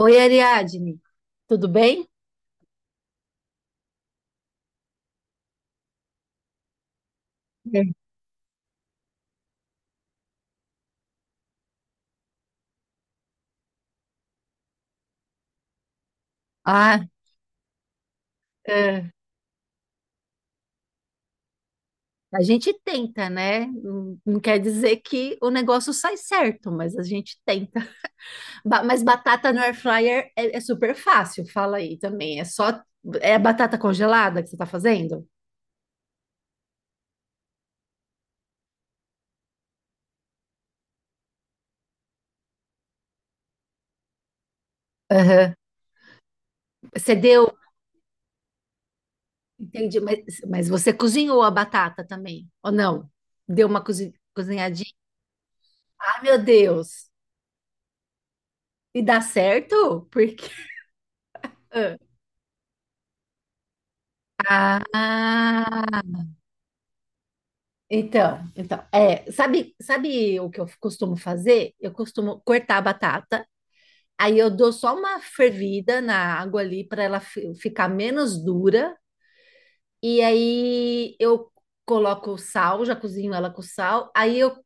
Oi, Ariadne, tudo bem? É. Ah, é. A gente tenta, né? Não quer dizer que o negócio sai certo, mas a gente tenta. Mas batata no air fryer é super fácil, fala aí também. É só É batata congelada que você está fazendo? Aham. Você deu, entendi, mas você cozinhou a batata também, ou não? Deu uma cozinhadinha? Ah, meu Deus! E dá certo? Porque. Ah, então é, sabe o que eu costumo fazer? Eu costumo cortar a batata, aí eu dou só uma fervida na água ali para ela ficar menos dura, e aí eu coloco o sal, já cozinho ela com sal, aí eu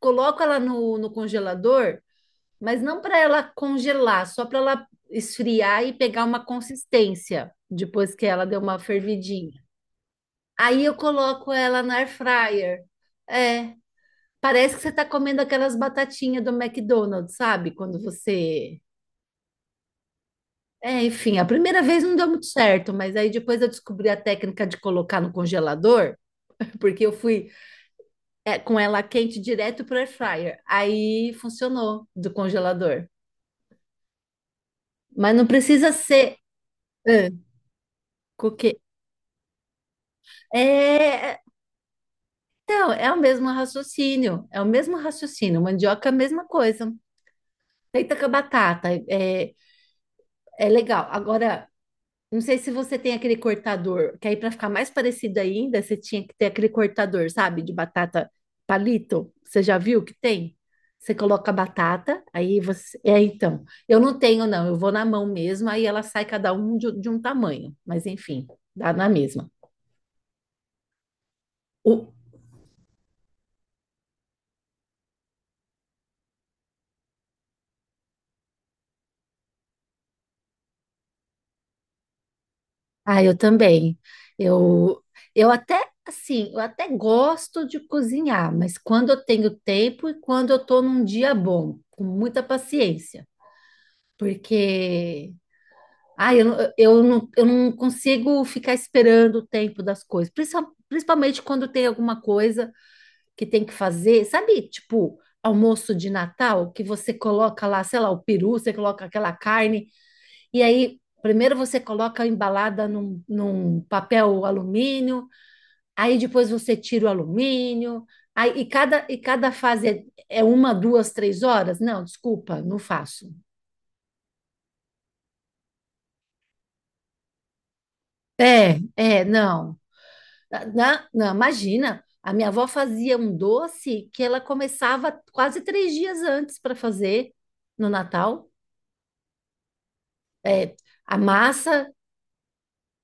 coloco ela no congelador, mas não para ela congelar, só para ela esfriar e pegar uma consistência depois que ela deu uma fervidinha. Aí eu coloco ela na air fryer. É. Parece que você está comendo aquelas batatinhas do McDonald's, sabe? Quando você. É, enfim, a primeira vez não deu muito certo, mas aí depois eu descobri a técnica de colocar no congelador, porque eu fui é, com ela quente direto pro air fryer. Aí funcionou do congelador. Mas não precisa ser. Ah, coque... É, então, é o mesmo raciocínio. É o mesmo raciocínio. Mandioca é a mesma coisa. Feita com a batata. É, é legal. Agora. Não sei se você tem aquele cortador, que aí para ficar mais parecido ainda, você tinha que ter aquele cortador, sabe, de batata palito. Você já viu que tem? Você coloca a batata, aí você. É, então. Eu não tenho, não. Eu vou na mão mesmo, aí ela sai cada um de um tamanho. Mas enfim, dá na mesma. O- Ah, eu também. Eu, eu até, assim, eu até gosto de cozinhar, mas quando eu tenho tempo e quando eu tô num dia bom, com muita paciência. Porque ah, eu, eu não consigo ficar esperando o tempo das coisas. Principalmente quando tem alguma coisa que tem que fazer, sabe? Tipo, almoço de Natal, que você coloca lá, sei lá, o peru, você coloca aquela carne, e aí primeiro você coloca embalada num papel alumínio, aí depois você tira o alumínio, aí, e cada fase é, é uma, duas, três horas? Não, desculpa, não faço. É, é, não. Não, não, imagina. A minha avó fazia um doce que ela começava quase 3 dias antes para fazer no Natal. É, a massa,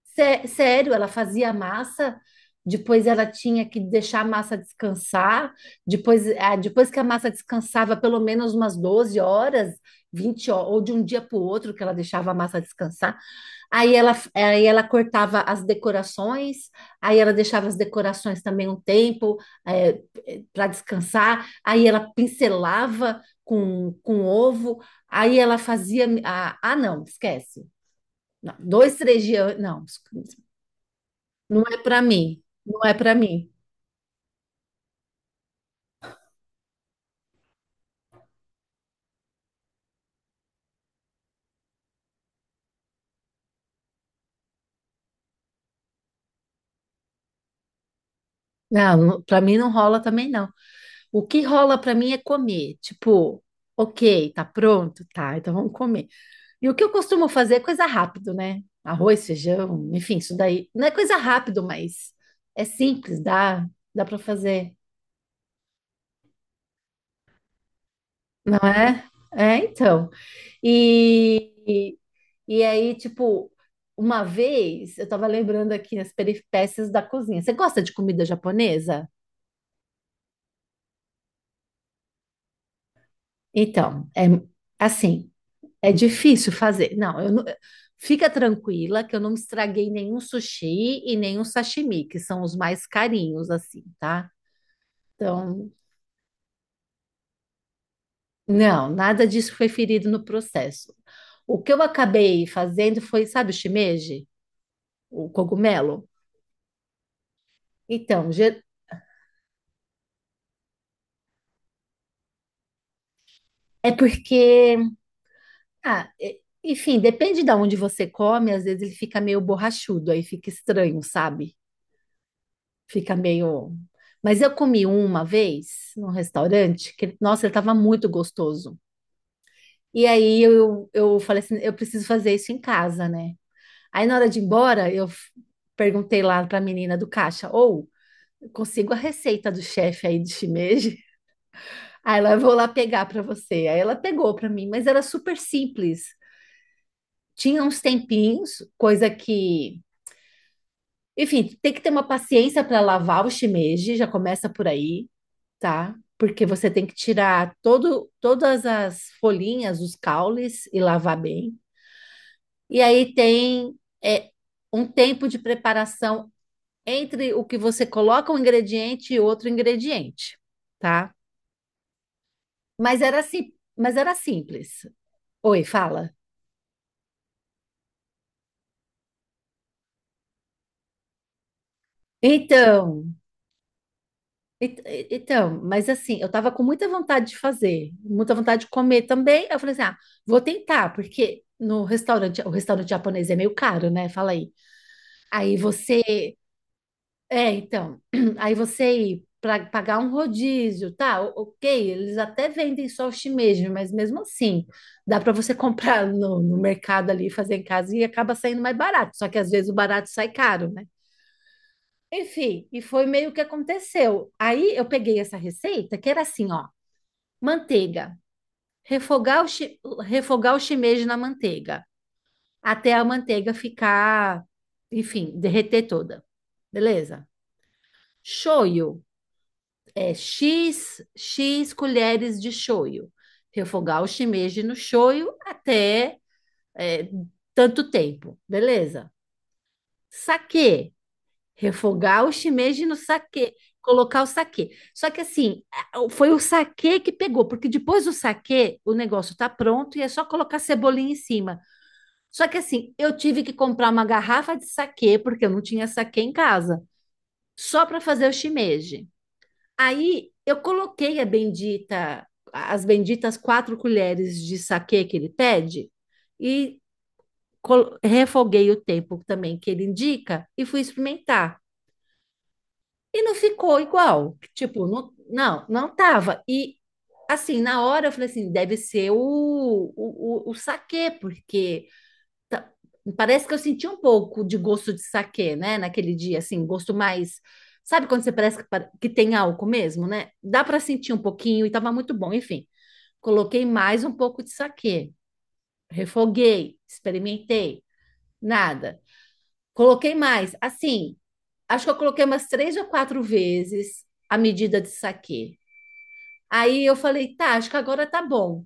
sério, ela fazia a massa, depois ela tinha que deixar a massa descansar, depois, ah, depois que a massa descansava pelo menos umas 12 horas, 20 horas, ou de um dia para o outro que ela deixava a massa descansar. Aí ela cortava as decorações, aí ela deixava as decorações também um tempo para descansar, aí ela pincelava com ovo, aí ela fazia. Ah, ah, não, esquece. Não, dois, três dias. Não, não é para mim. Não é para mim. Não, para mim não rola também não. O que rola para mim é comer. Tipo, ok, tá pronto? Tá, então vamos comer. E o que eu costumo fazer é coisa rápido, né? Arroz, feijão, enfim, isso daí. Não é coisa rápido, mas é simples, dá, dá para fazer, não é? É, então. E, e, e aí, tipo, uma vez eu tava lembrando aqui as peripécias da cozinha. Você gosta de comida japonesa? Então, é assim, é difícil fazer. Não, eu fica tranquila que eu não estraguei nenhum sushi e nenhum sashimi, que são os mais carinhos, assim, tá? Então, não, nada disso foi ferido no processo. O que eu acabei fazendo foi, sabe, o shimeji, o cogumelo? Então, é porque, ah, enfim, depende de onde você come, às vezes ele fica meio borrachudo, aí fica estranho, sabe? Fica meio. Mas eu comi uma vez num restaurante que, ele- nossa, ele estava muito gostoso. E aí eu falei assim, eu preciso fazer isso em casa, né? Aí na hora de ir embora, perguntei lá para a menina do caixa, ou eu consigo a receita do chefe aí do shimeji. Aí ela, eu vou lá pegar para você. Aí ela pegou para mim, mas era super simples. Tinha uns tempinhos, coisa que, enfim, tem que ter uma paciência para lavar o shimeji, já começa por aí, tá? Porque você tem que tirar todo, todas as folhinhas, os caules e lavar bem. E aí tem é, um tempo de preparação entre o que você coloca um ingrediente e outro ingrediente, tá? Mas era assim, mas era simples. Oi, fala. Então, então, mas assim, eu tava com muita vontade de fazer, muita vontade de comer também. Aí eu falei assim, ah, vou tentar, porque no restaurante, o restaurante japonês é meio caro, né? Fala aí. Aí você, é, então, aí você ir para pagar um rodízio, tá? Ok, eles até vendem só o shimeji, mas mesmo assim, dá para você comprar no mercado ali, fazer em casa e acaba saindo mais barato. Só que às vezes o barato sai caro, né? Enfim, e foi meio que aconteceu. Aí eu peguei essa receita, que era assim, ó, manteiga. Refogar o, chi- refogar o shimeji na manteiga, até a manteiga ficar, enfim, derreter toda. Beleza? Shoyu, é X colheres de shoyu. Refogar o shimeji no shoyu até é, tanto tempo. Beleza? Saquê, refogar o shimeji no saquê, colocar o saquê. Só que assim, foi o saquê que pegou, porque depois do saquê, o negócio tá pronto e é só colocar cebolinha em cima. Só que assim, eu tive que comprar uma garrafa de saquê, porque eu não tinha saquê em casa, só para fazer o shimeji. Aí eu coloquei a bendita, as benditas 4 colheres de saquê que ele pede e refoguei o tempo também que ele indica e fui experimentar. E não ficou igual. Tipo, não, não, não tava. E assim, na hora eu falei assim, deve ser o saquê, porque tá- parece que eu senti um pouco de gosto de saquê, né? Naquele dia, assim, gosto mais. Sabe quando você parece que, que tem álcool mesmo, né? Dá para sentir um pouquinho e tava muito bom. Enfim, coloquei mais um pouco de saquê, refoguei, experimentei, nada. Coloquei mais. Assim, acho que eu coloquei umas 3 ou 4 vezes a medida de saquê. Aí eu falei, tá, acho que agora tá bom.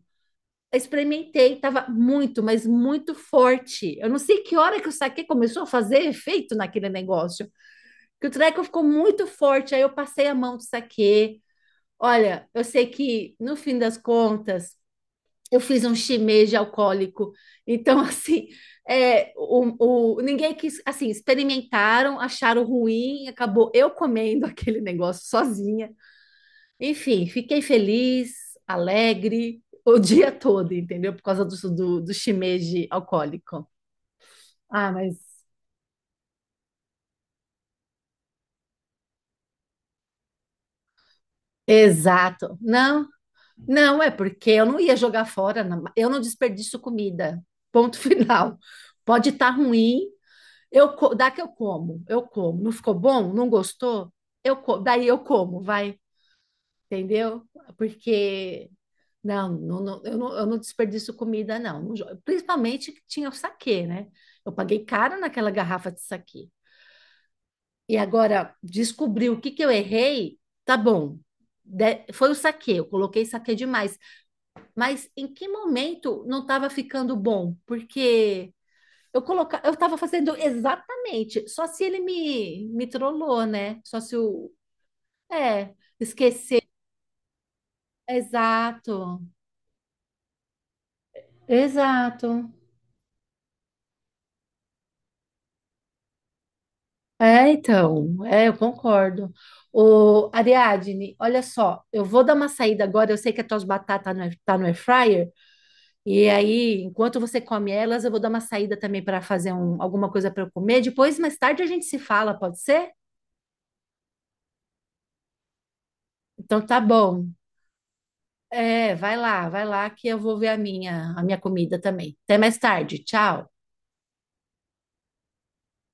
Experimentei, tava muito, mas muito forte. Eu não sei que hora que o saquê começou a fazer efeito naquele negócio, que o treco ficou muito forte. Aí eu passei a mão do saquê. Olha, eu sei que no fim das contas eu fiz um shimeji alcoólico. Então, assim, é, ninguém quis, assim, experimentaram, acharam ruim, acabou eu comendo aquele negócio sozinha. Enfim, fiquei feliz, alegre, o dia todo, entendeu? Por causa do shimeji alcoólico. Ah, mas exato. Não, não, é porque eu não ia jogar fora, não. Eu não desperdiço comida. Ponto final. Pode estar ruim, eu, dá que eu como, eu como. Não ficou bom? Não gostou? Eu, daí eu como, vai, entendeu? Porque não, não, não, eu não, desperdiço comida, não. Principalmente que tinha o saquê, né? Eu paguei caro naquela garrafa de saquê. E agora, descobri o que que eu errei, tá bom. Foi o saquê, eu coloquei saquê demais. Mas em que momento não estava ficando bom? Porque eu tava fazendo exatamente, só se ele me trollou, né? Só se o. É, esquecer. Exato, exato. É, então, é, eu concordo. O Ariadne, olha só, eu vou dar uma saída agora. Eu sei que as tuas batatas não tá no air fryer, e aí, enquanto você come elas, eu vou dar uma saída também para fazer alguma coisa para eu comer. Depois, mais tarde, a gente se fala, pode ser? Então, tá bom. É, vai lá que eu vou ver a minha comida também. Até mais tarde. Tchau.